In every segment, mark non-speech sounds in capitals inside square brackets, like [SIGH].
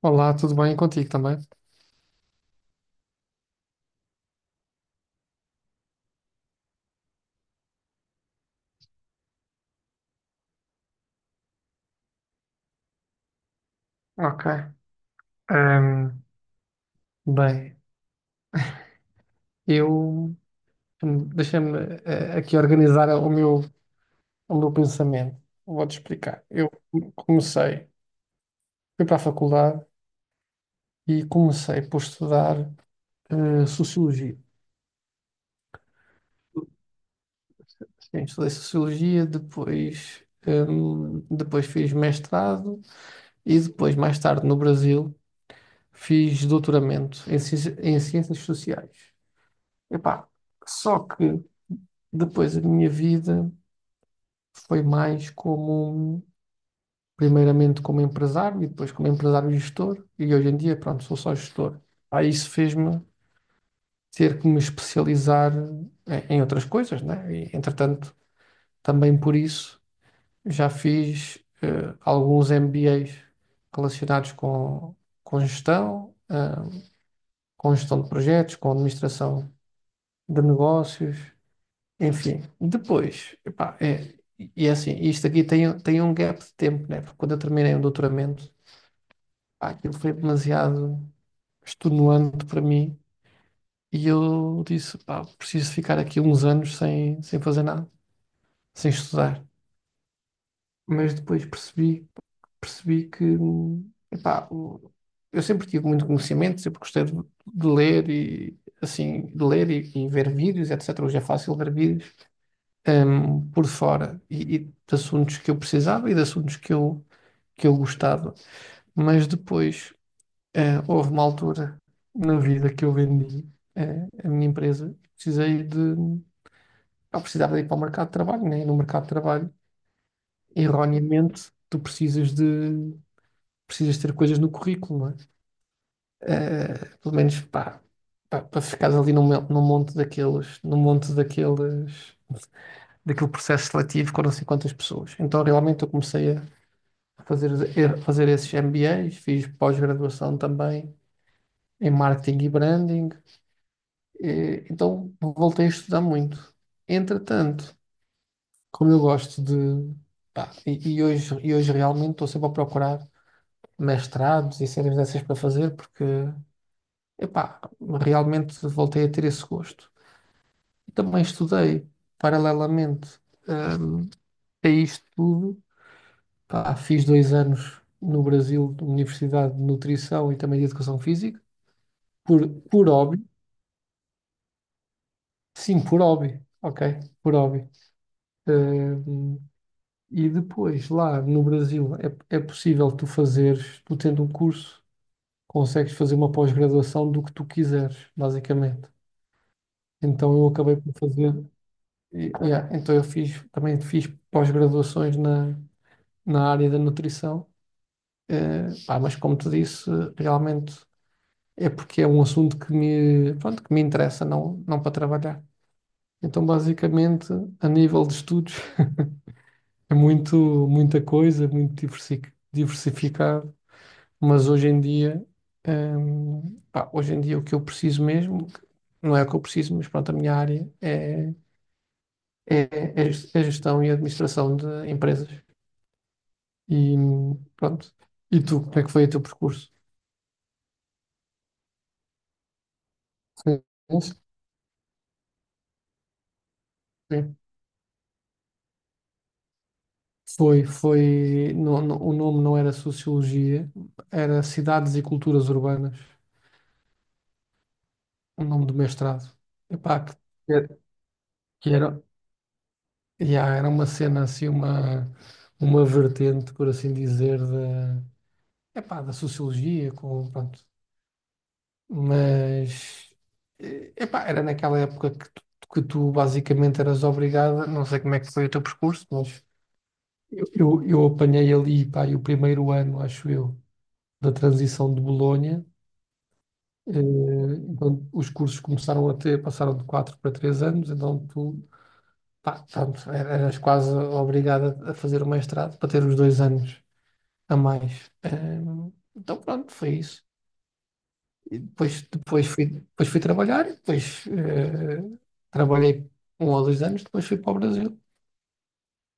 Olá, tudo bem contigo também? Ok. Ahm, Bem, eu deixa-me aqui organizar o meu pensamento. Vou-te explicar. Eu comecei, fui para a faculdade e comecei por estudar sociologia. Sim, estudei sociologia, depois, depois fiz mestrado e depois, mais tarde, no Brasil, fiz doutoramento em ciências sociais. Epá, só que depois a minha vida, foi mais como, primeiramente como empresário e depois como empresário gestor, e hoje em dia, pronto, sou só gestor. Aí isso fez-me ter que me especializar em outras coisas, né? E, entretanto, também por isso já fiz alguns MBAs relacionados com gestão, com gestão de projetos, com administração de negócios. Enfim, depois, epá, é, e assim, isto aqui tem um gap de tempo, né? Porque quando eu terminei o doutoramento, pá, aquilo foi demasiado extenuante para mim e eu disse, pá, preciso ficar aqui uns anos sem fazer nada, sem estudar. Mas depois percebi que, epá, eu sempre tive muito conhecimento, sempre gostei de ler e, assim, de ler e ver vídeos, etc. Hoje é fácil ver vídeos por fora e de assuntos que eu precisava e de assuntos que eu gostava. Mas depois, houve uma altura na vida que eu vendi, a minha empresa e precisei de. Eu precisava de ir para o mercado de trabalho, né? E no mercado de trabalho, erroneamente, tu precisas de. Precisas ter coisas no currículo, não é? Pelo menos, pá, para ficares ali num monte daqueles daquele processo seletivo com não sei quantas pessoas. Então realmente eu comecei a, fazer, fazer esses MBAs, fiz pós-graduação também em marketing e branding, e então voltei a estudar muito. Entretanto, como eu gosto de, pá, e hoje realmente estou sempre a procurar mestrados e séries dessas para fazer, porque, epá, realmente voltei a ter esse gosto. E também estudei paralelamente, hum, a isto tudo, pá, fiz 2 anos no Brasil de Universidade de Nutrição e também de Educação Física, Por, por hobby, sim, por hobby, ok, por hobby. Ahm, e depois, lá no Brasil, é possível tu tendo um curso, consegues fazer uma pós-graduação do que tu quiseres, basicamente. Então eu acabei por fazer, yeah, então eu também fiz pós-graduações na área da nutrição. Pá, mas como te disse, realmente é porque é um assunto que me, pronto, que me interessa, não, não para trabalhar. Então, basicamente, a nível de estudos, é muito, muita coisa, muito diversificado, mas hoje em dia, pá, hoje em dia o que eu preciso mesmo, não é o que eu preciso, mas pronto, a minha área é, é gestão e administração de empresas. E pronto. E tu, como é que foi o teu percurso? Sim, sim. Foi, o nome não era Sociologia, era Cidades e Culturas Urbanas, o nome do mestrado. Epá, que era. Yeah, era uma cena assim, uma vertente, por assim dizer, da, epá, da sociologia, com, pronto. Mas epá, era naquela época que tu basicamente eras obrigada, não sei como é que foi o teu percurso, mas eu apanhei ali, pá, e o primeiro ano, acho eu, da transição de Bolonha. eh, Então, os cursos começaram a ter, passaram de 4 para 3 anos, então tu, pá, pronto, eras quase obrigada a fazer o mestrado para ter os 2 anos a mais. Então pronto, foi isso. Depois, depois fui trabalhar, e depois trabalhei 1 ou 2 anos, depois fui para o Brasil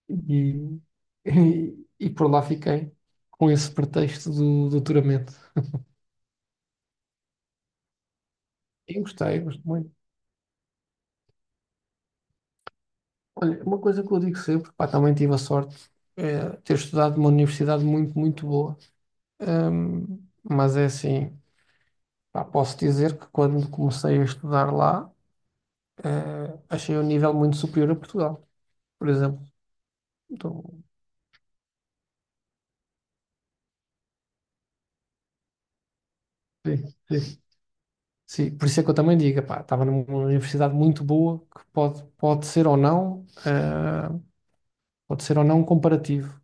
e, e por lá fiquei com esse pretexto do doutoramento. E gostei, gostei muito. Olha, uma coisa que eu digo sempre, pá, também tive a sorte de ter estudado numa universidade muito, muito boa. Mas é assim, pá, posso dizer que quando comecei a estudar lá, achei o nível muito superior a Portugal, por exemplo. Então, sim, sim. Sim, por isso é que eu também digo, epá, estava numa universidade muito boa, que pode ser ou não, pode ser ou não comparativo,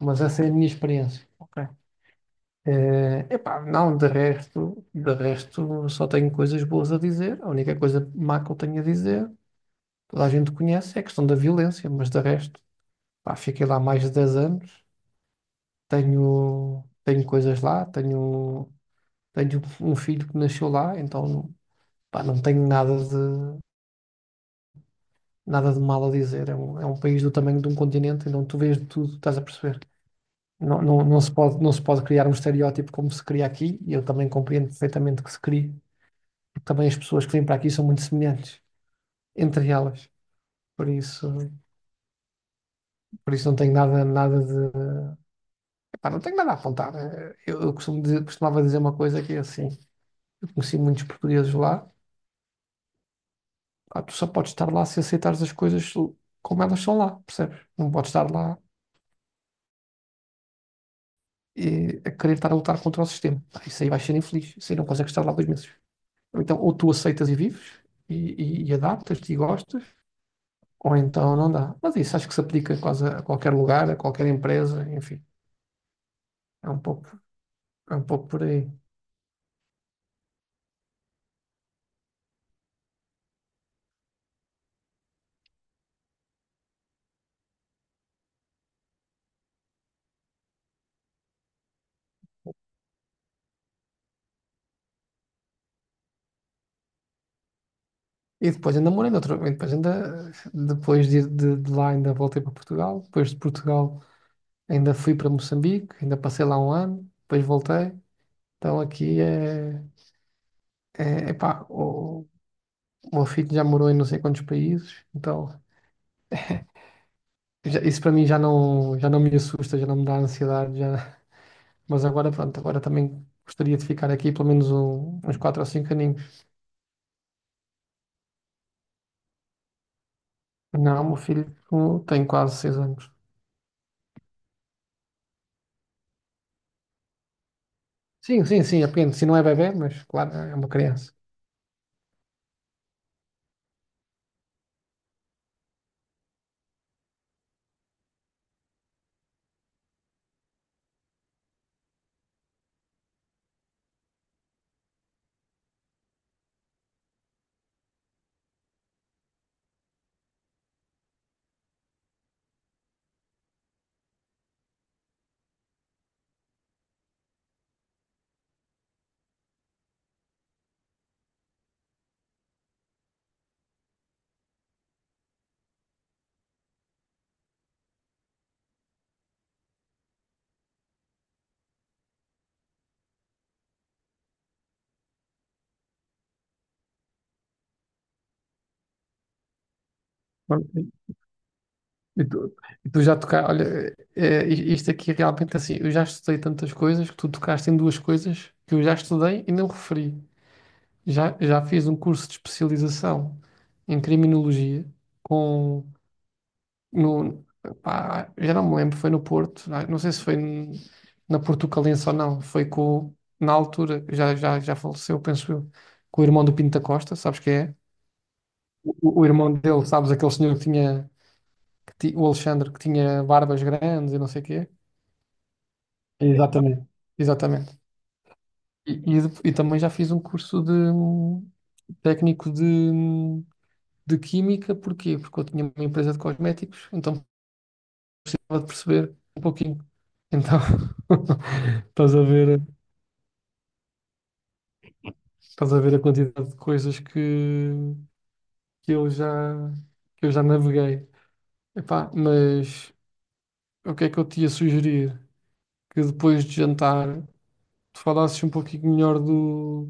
mas essa é a minha experiência. Ok. Epá, não, de resto só tenho coisas boas a dizer. A única coisa má que eu tenho a dizer, toda a gente conhece, é a questão da violência, mas de resto, pá, fiquei lá mais de 10 anos, tenho coisas lá, tenho um filho que nasceu lá, então pá, não tenho nada de mal a dizer. É um país do tamanho de um continente, então tu vês de tudo, estás a perceber? Não, não, não se pode criar um estereótipo como se cria aqui, e eu também compreendo perfeitamente que se crie, porque também as pessoas que vêm para aqui são muito semelhantes entre elas. Por isso, por isso não tenho nada, nada de. Pá, não tenho nada a apontar. Eu costumo costumava dizer uma coisa que é assim: eu conheci muitos portugueses lá, pá, tu só podes estar lá se aceitares as coisas como elas são lá, percebes? Não podes estar lá a querer estar a lutar contra o sistema. Pá, isso aí vai ser infeliz, isso aí não consegues estar lá 2 meses. Ou então, ou tu aceitas e vives, e, e adaptas-te e gostas, ou então não dá. Mas isso acho que se aplica quase a qualquer lugar, a qualquer empresa, enfim, é um pouco, é um pouco por aí. E depois ainda morei noutro, e depois ainda, depois de lá ainda voltei para Portugal, depois de Portugal ainda fui para Moçambique, ainda passei lá um ano, depois voltei. Então aqui é, epá, o meu filho já morou em não sei quantos países, então isso para mim já não, me assusta, já não me dá ansiedade, já. Mas agora, pronto, agora também gostaria de ficar aqui pelo menos uns 4 ou 5 aninhos. Não, meu filho tem quase 6 anos. Sim, sim, sim, é pequeno. Se não é bebé, mas claro, é uma criança. Bom. E tu, e tu já tocaste, olha, isto aqui é realmente assim, eu já estudei tantas coisas que tu tocaste em duas coisas que eu já estudei e não referi. Já fiz um curso de especialização em criminologia com no, pá, já não me lembro, foi no Porto, não sei se foi na Portucalense ou não, foi com, na altura, já faleceu, penso eu, com o irmão do Pinto da Costa, sabes quem é? O irmão dele, sabes, aquele senhor que tinha, o Alexandre, que tinha barbas grandes e não sei o quê. Exatamente. Exatamente. E também já fiz um curso de técnico de química, porquê? Porque eu tinha uma empresa de cosméticos, então precisava de perceber um pouquinho. Então, [LAUGHS] Estás a ver, estás a ver a quantidade de coisas que eu já, que eu já, naveguei. Epá, mas o que é que eu te ia sugerir? Que depois de jantar tu falasses um pouquinho melhor do,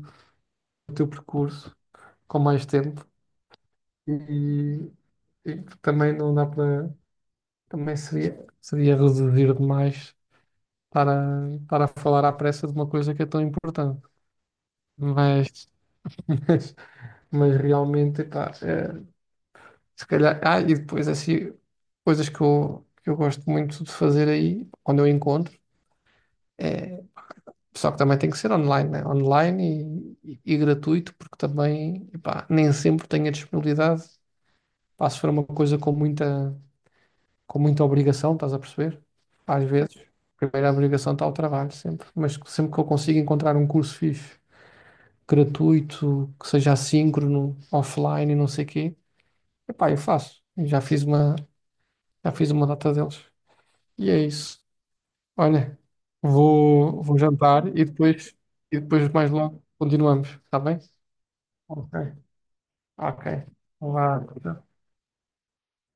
do teu percurso, com mais tempo, e, e que também não dá para. Também seria reduzir demais estar a falar à pressa de uma coisa que é tão importante. Mas, [LAUGHS] mas, mas realmente, epá, é. Se calhar, e depois assim, coisas que eu gosto muito de fazer aí, quando eu encontro, é, só que também tem que ser online, né? Online e gratuito, porque também, epá, nem sempre tenho a disponibilidade, pá, se for uma coisa com muita, obrigação, estás a perceber? Às vezes, a primeira obrigação está ao trabalho, sempre, mas sempre que eu consigo encontrar um curso fixe, gratuito, que seja assíncrono, offline e não sei o quê, epá, eu faço. Já fiz uma data deles. E é isso. Olha, vou jantar e depois, mais logo continuamos, está bem? Ok, ok. Vá.